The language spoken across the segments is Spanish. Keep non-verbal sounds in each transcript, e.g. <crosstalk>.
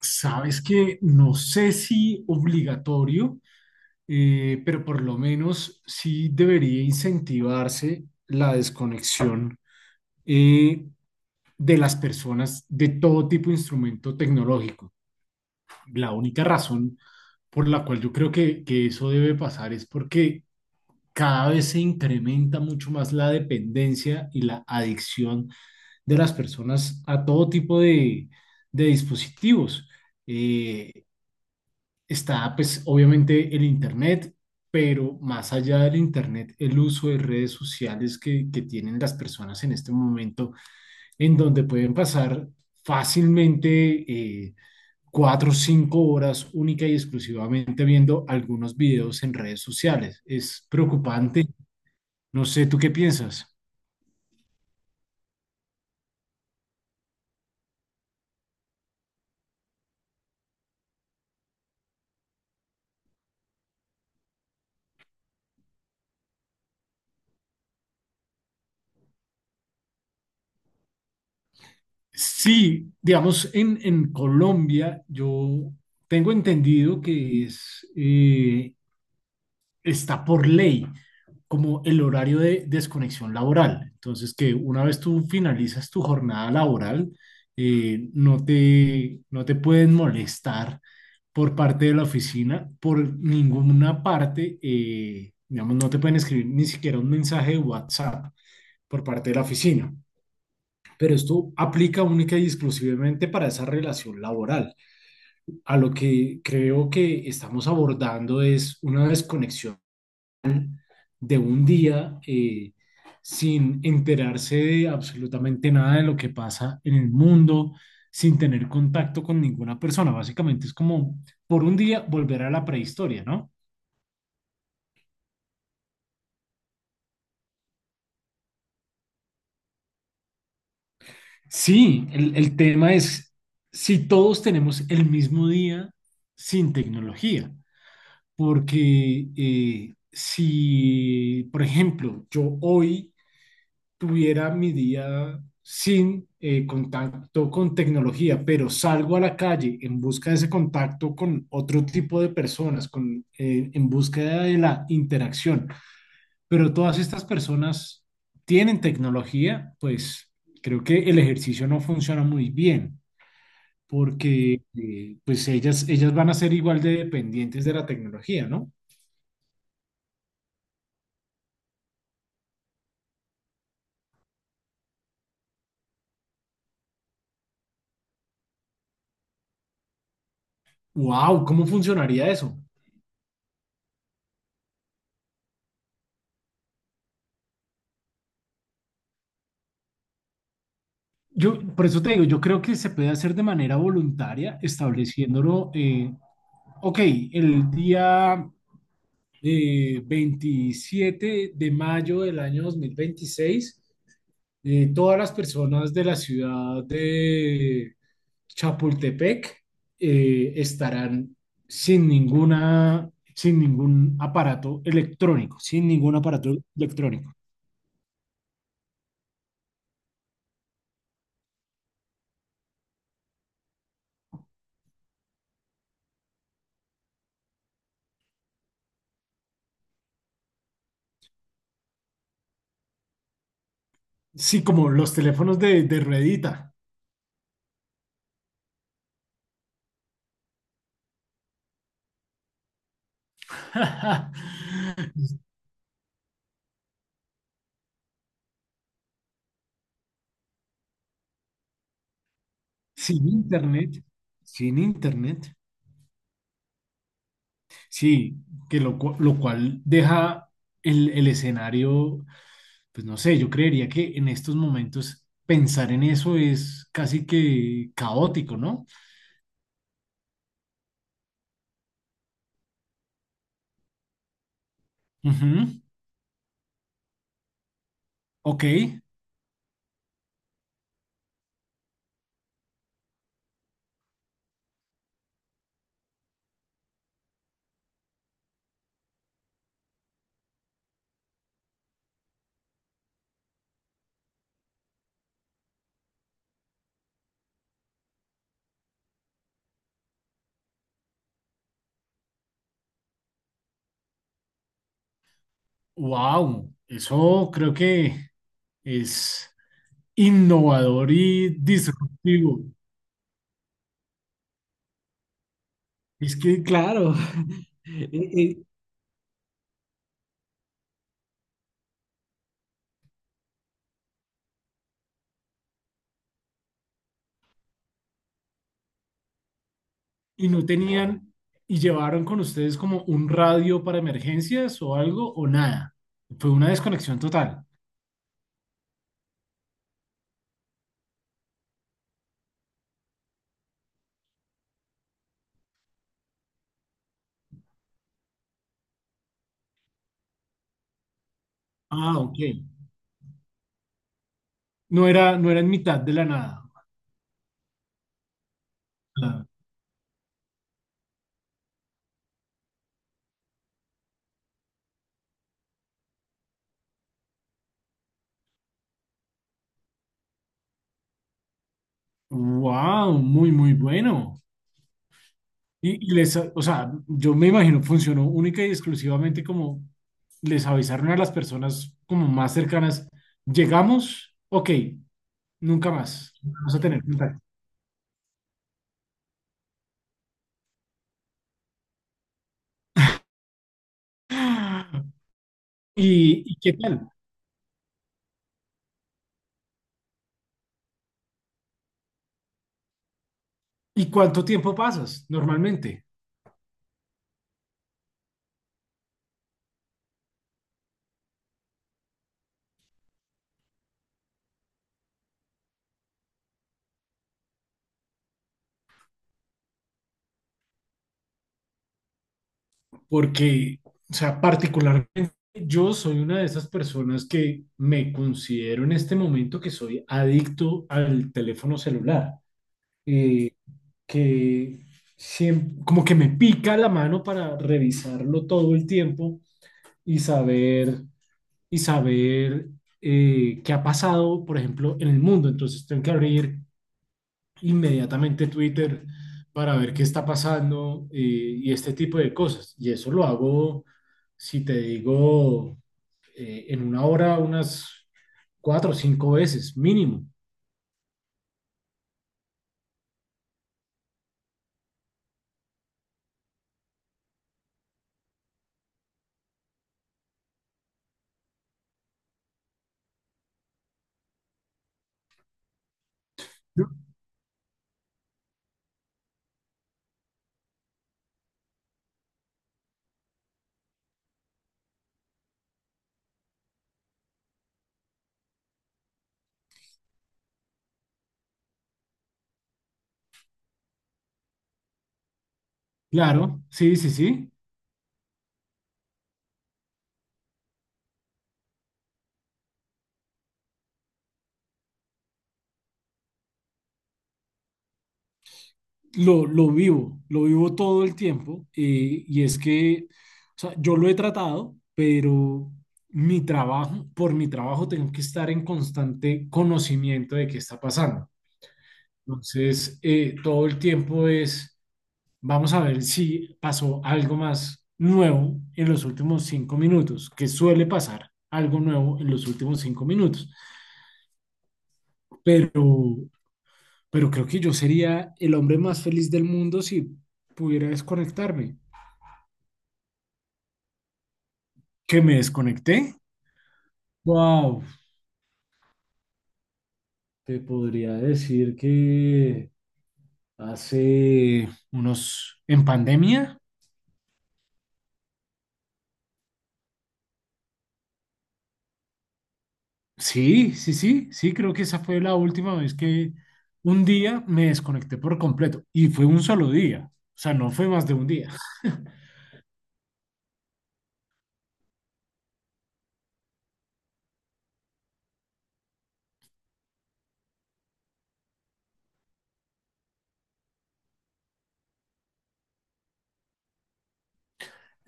Sabes que no sé si obligatorio, pero por lo menos sí debería incentivarse la desconexión eh, de las personas de todo tipo de instrumento tecnológico. La única razón por la cual yo creo que eso debe pasar es porque cada vez se incrementa mucho más la dependencia y la adicción de las personas a todo tipo de dispositivos. Eh, está pues obviamente el Internet, pero más allá del Internet, el uso de redes sociales que tienen las personas en este momento, en donde pueden pasar fácilmente cuatro o cinco horas única y exclusivamente viendo algunos videos en redes sociales. Es preocupante. No sé, ¿tú qué piensas? Sí, digamos, en Colombia yo tengo entendido que es, está por ley, como el horario de desconexión laboral. Entonces, que una vez tú finalizas tu jornada laboral, no te pueden molestar por parte de la oficina, por ninguna parte, digamos, no te pueden escribir ni siquiera un mensaje de WhatsApp por parte de la oficina. Pero esto aplica única y exclusivamente para esa relación laboral. A lo que creo que estamos abordando es una desconexión de un día sin enterarse de absolutamente nada de lo que pasa en el mundo, sin tener contacto con ninguna persona. Básicamente es como por un día volver a la prehistoria, ¿no? Sí, el tema es si todos tenemos el mismo día sin tecnología, porque si, por ejemplo, yo hoy tuviera mi día sin contacto con tecnología, pero salgo a la calle en busca de ese contacto con otro tipo de personas, con, en búsqueda de la interacción. Pero todas estas personas tienen tecnología, pues creo que el ejercicio no funciona muy bien, porque pues ellas van a ser igual de dependientes de la tecnología, ¿no? ¡Wow! ¿Cómo funcionaría eso? Yo, por eso te digo, yo creo que se puede hacer de manera voluntaria, estableciéndolo, ok, el día 27 de mayo del año 2026, todas las personas de la ciudad de Chapultepec estarán sin ningún aparato electrónico, sin ningún aparato electrónico. Sí, como los teléfonos de ruedita. <laughs> Sin internet, sin internet, sí, lo cual deja el escenario, pues no sé, yo creería que en estos momentos pensar en eso es casi que caótico, ¿no? Ujú. Ok, wow, eso creo que es innovador y disruptivo. Es que, claro, <laughs> e- y no tenían, y llevaron con ustedes como un radio para emergencias o algo, o nada. Fue una desconexión total. Ah, ok. No era en mitad de la nada. Wow, muy, muy bueno. O sea, yo me imagino funcionó única y exclusivamente como les avisaron a las personas como más cercanas, llegamos, ok, nunca más, vamos a tener contacto. <gasps> <laughs> ¿Y, y qué tal? ¿Y cuánto tiempo pasas normalmente? Porque, o sea, particularmente yo soy una de esas personas que me considero en este momento que soy adicto al teléfono celular, eh, que como que me pica la mano para revisarlo todo el tiempo y saber, y saber, qué ha pasado, por ejemplo, en el mundo. Entonces tengo que abrir inmediatamente Twitter para ver qué está pasando, y este tipo de cosas. Y eso lo hago, si te digo, en una hora unas cuatro o cinco veces mínimo. Claro, sí, sí, sí. Lo vivo, lo vivo todo el tiempo. Y es que, o sea, yo lo he tratado, pero por mi trabajo tengo que estar en constante conocimiento de qué está pasando. Entonces, todo el tiempo es: vamos a ver si pasó algo más nuevo en los últimos cinco minutos, que suele pasar algo nuevo en los últimos cinco minutos. Pero, pero creo que yo sería el hombre más feliz del mundo si pudiera desconectarme. ¿Que me desconecté? Wow, te podría decir que hace unos, en pandemia. Sí, sí, sí, sí, creo que esa fue la última vez que un día me desconecté por completo y fue un solo día, o sea, no fue más de un día.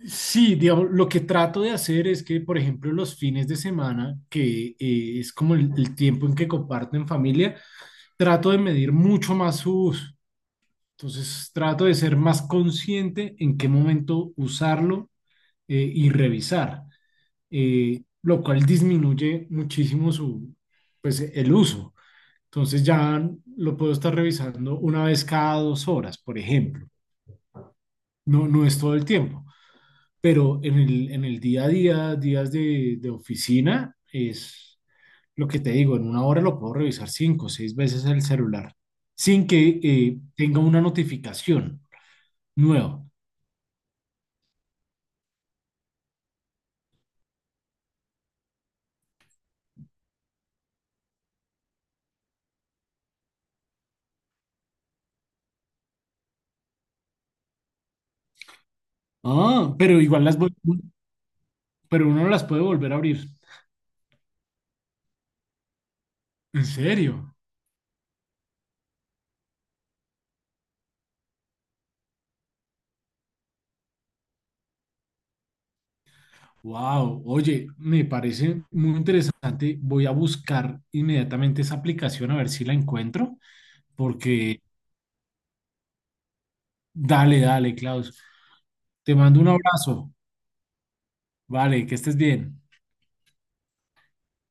Sí, digamos, lo que trato de hacer es que, por ejemplo, los fines de semana, que es como el tiempo en que comparto en familia, trato de medir mucho más su uso. Entonces, trato de ser más consciente en qué momento usarlo, y revisar, lo cual disminuye muchísimo pues, el uso. Entonces ya lo puedo estar revisando una vez cada dos horas, por ejemplo. No, no es todo el tiempo, pero en el día a día, días de oficina, es lo que te digo, en una hora lo puedo revisar cinco o seis veces el celular sin que tenga una notificación nueva. Ah, pero uno las puede volver a abrir. ¿En serio? Wow, oye, me parece muy interesante. Voy a buscar inmediatamente esa aplicación a ver si la encuentro, porque dale, dale, Klaus. Te mando un abrazo. Vale, que estés bien.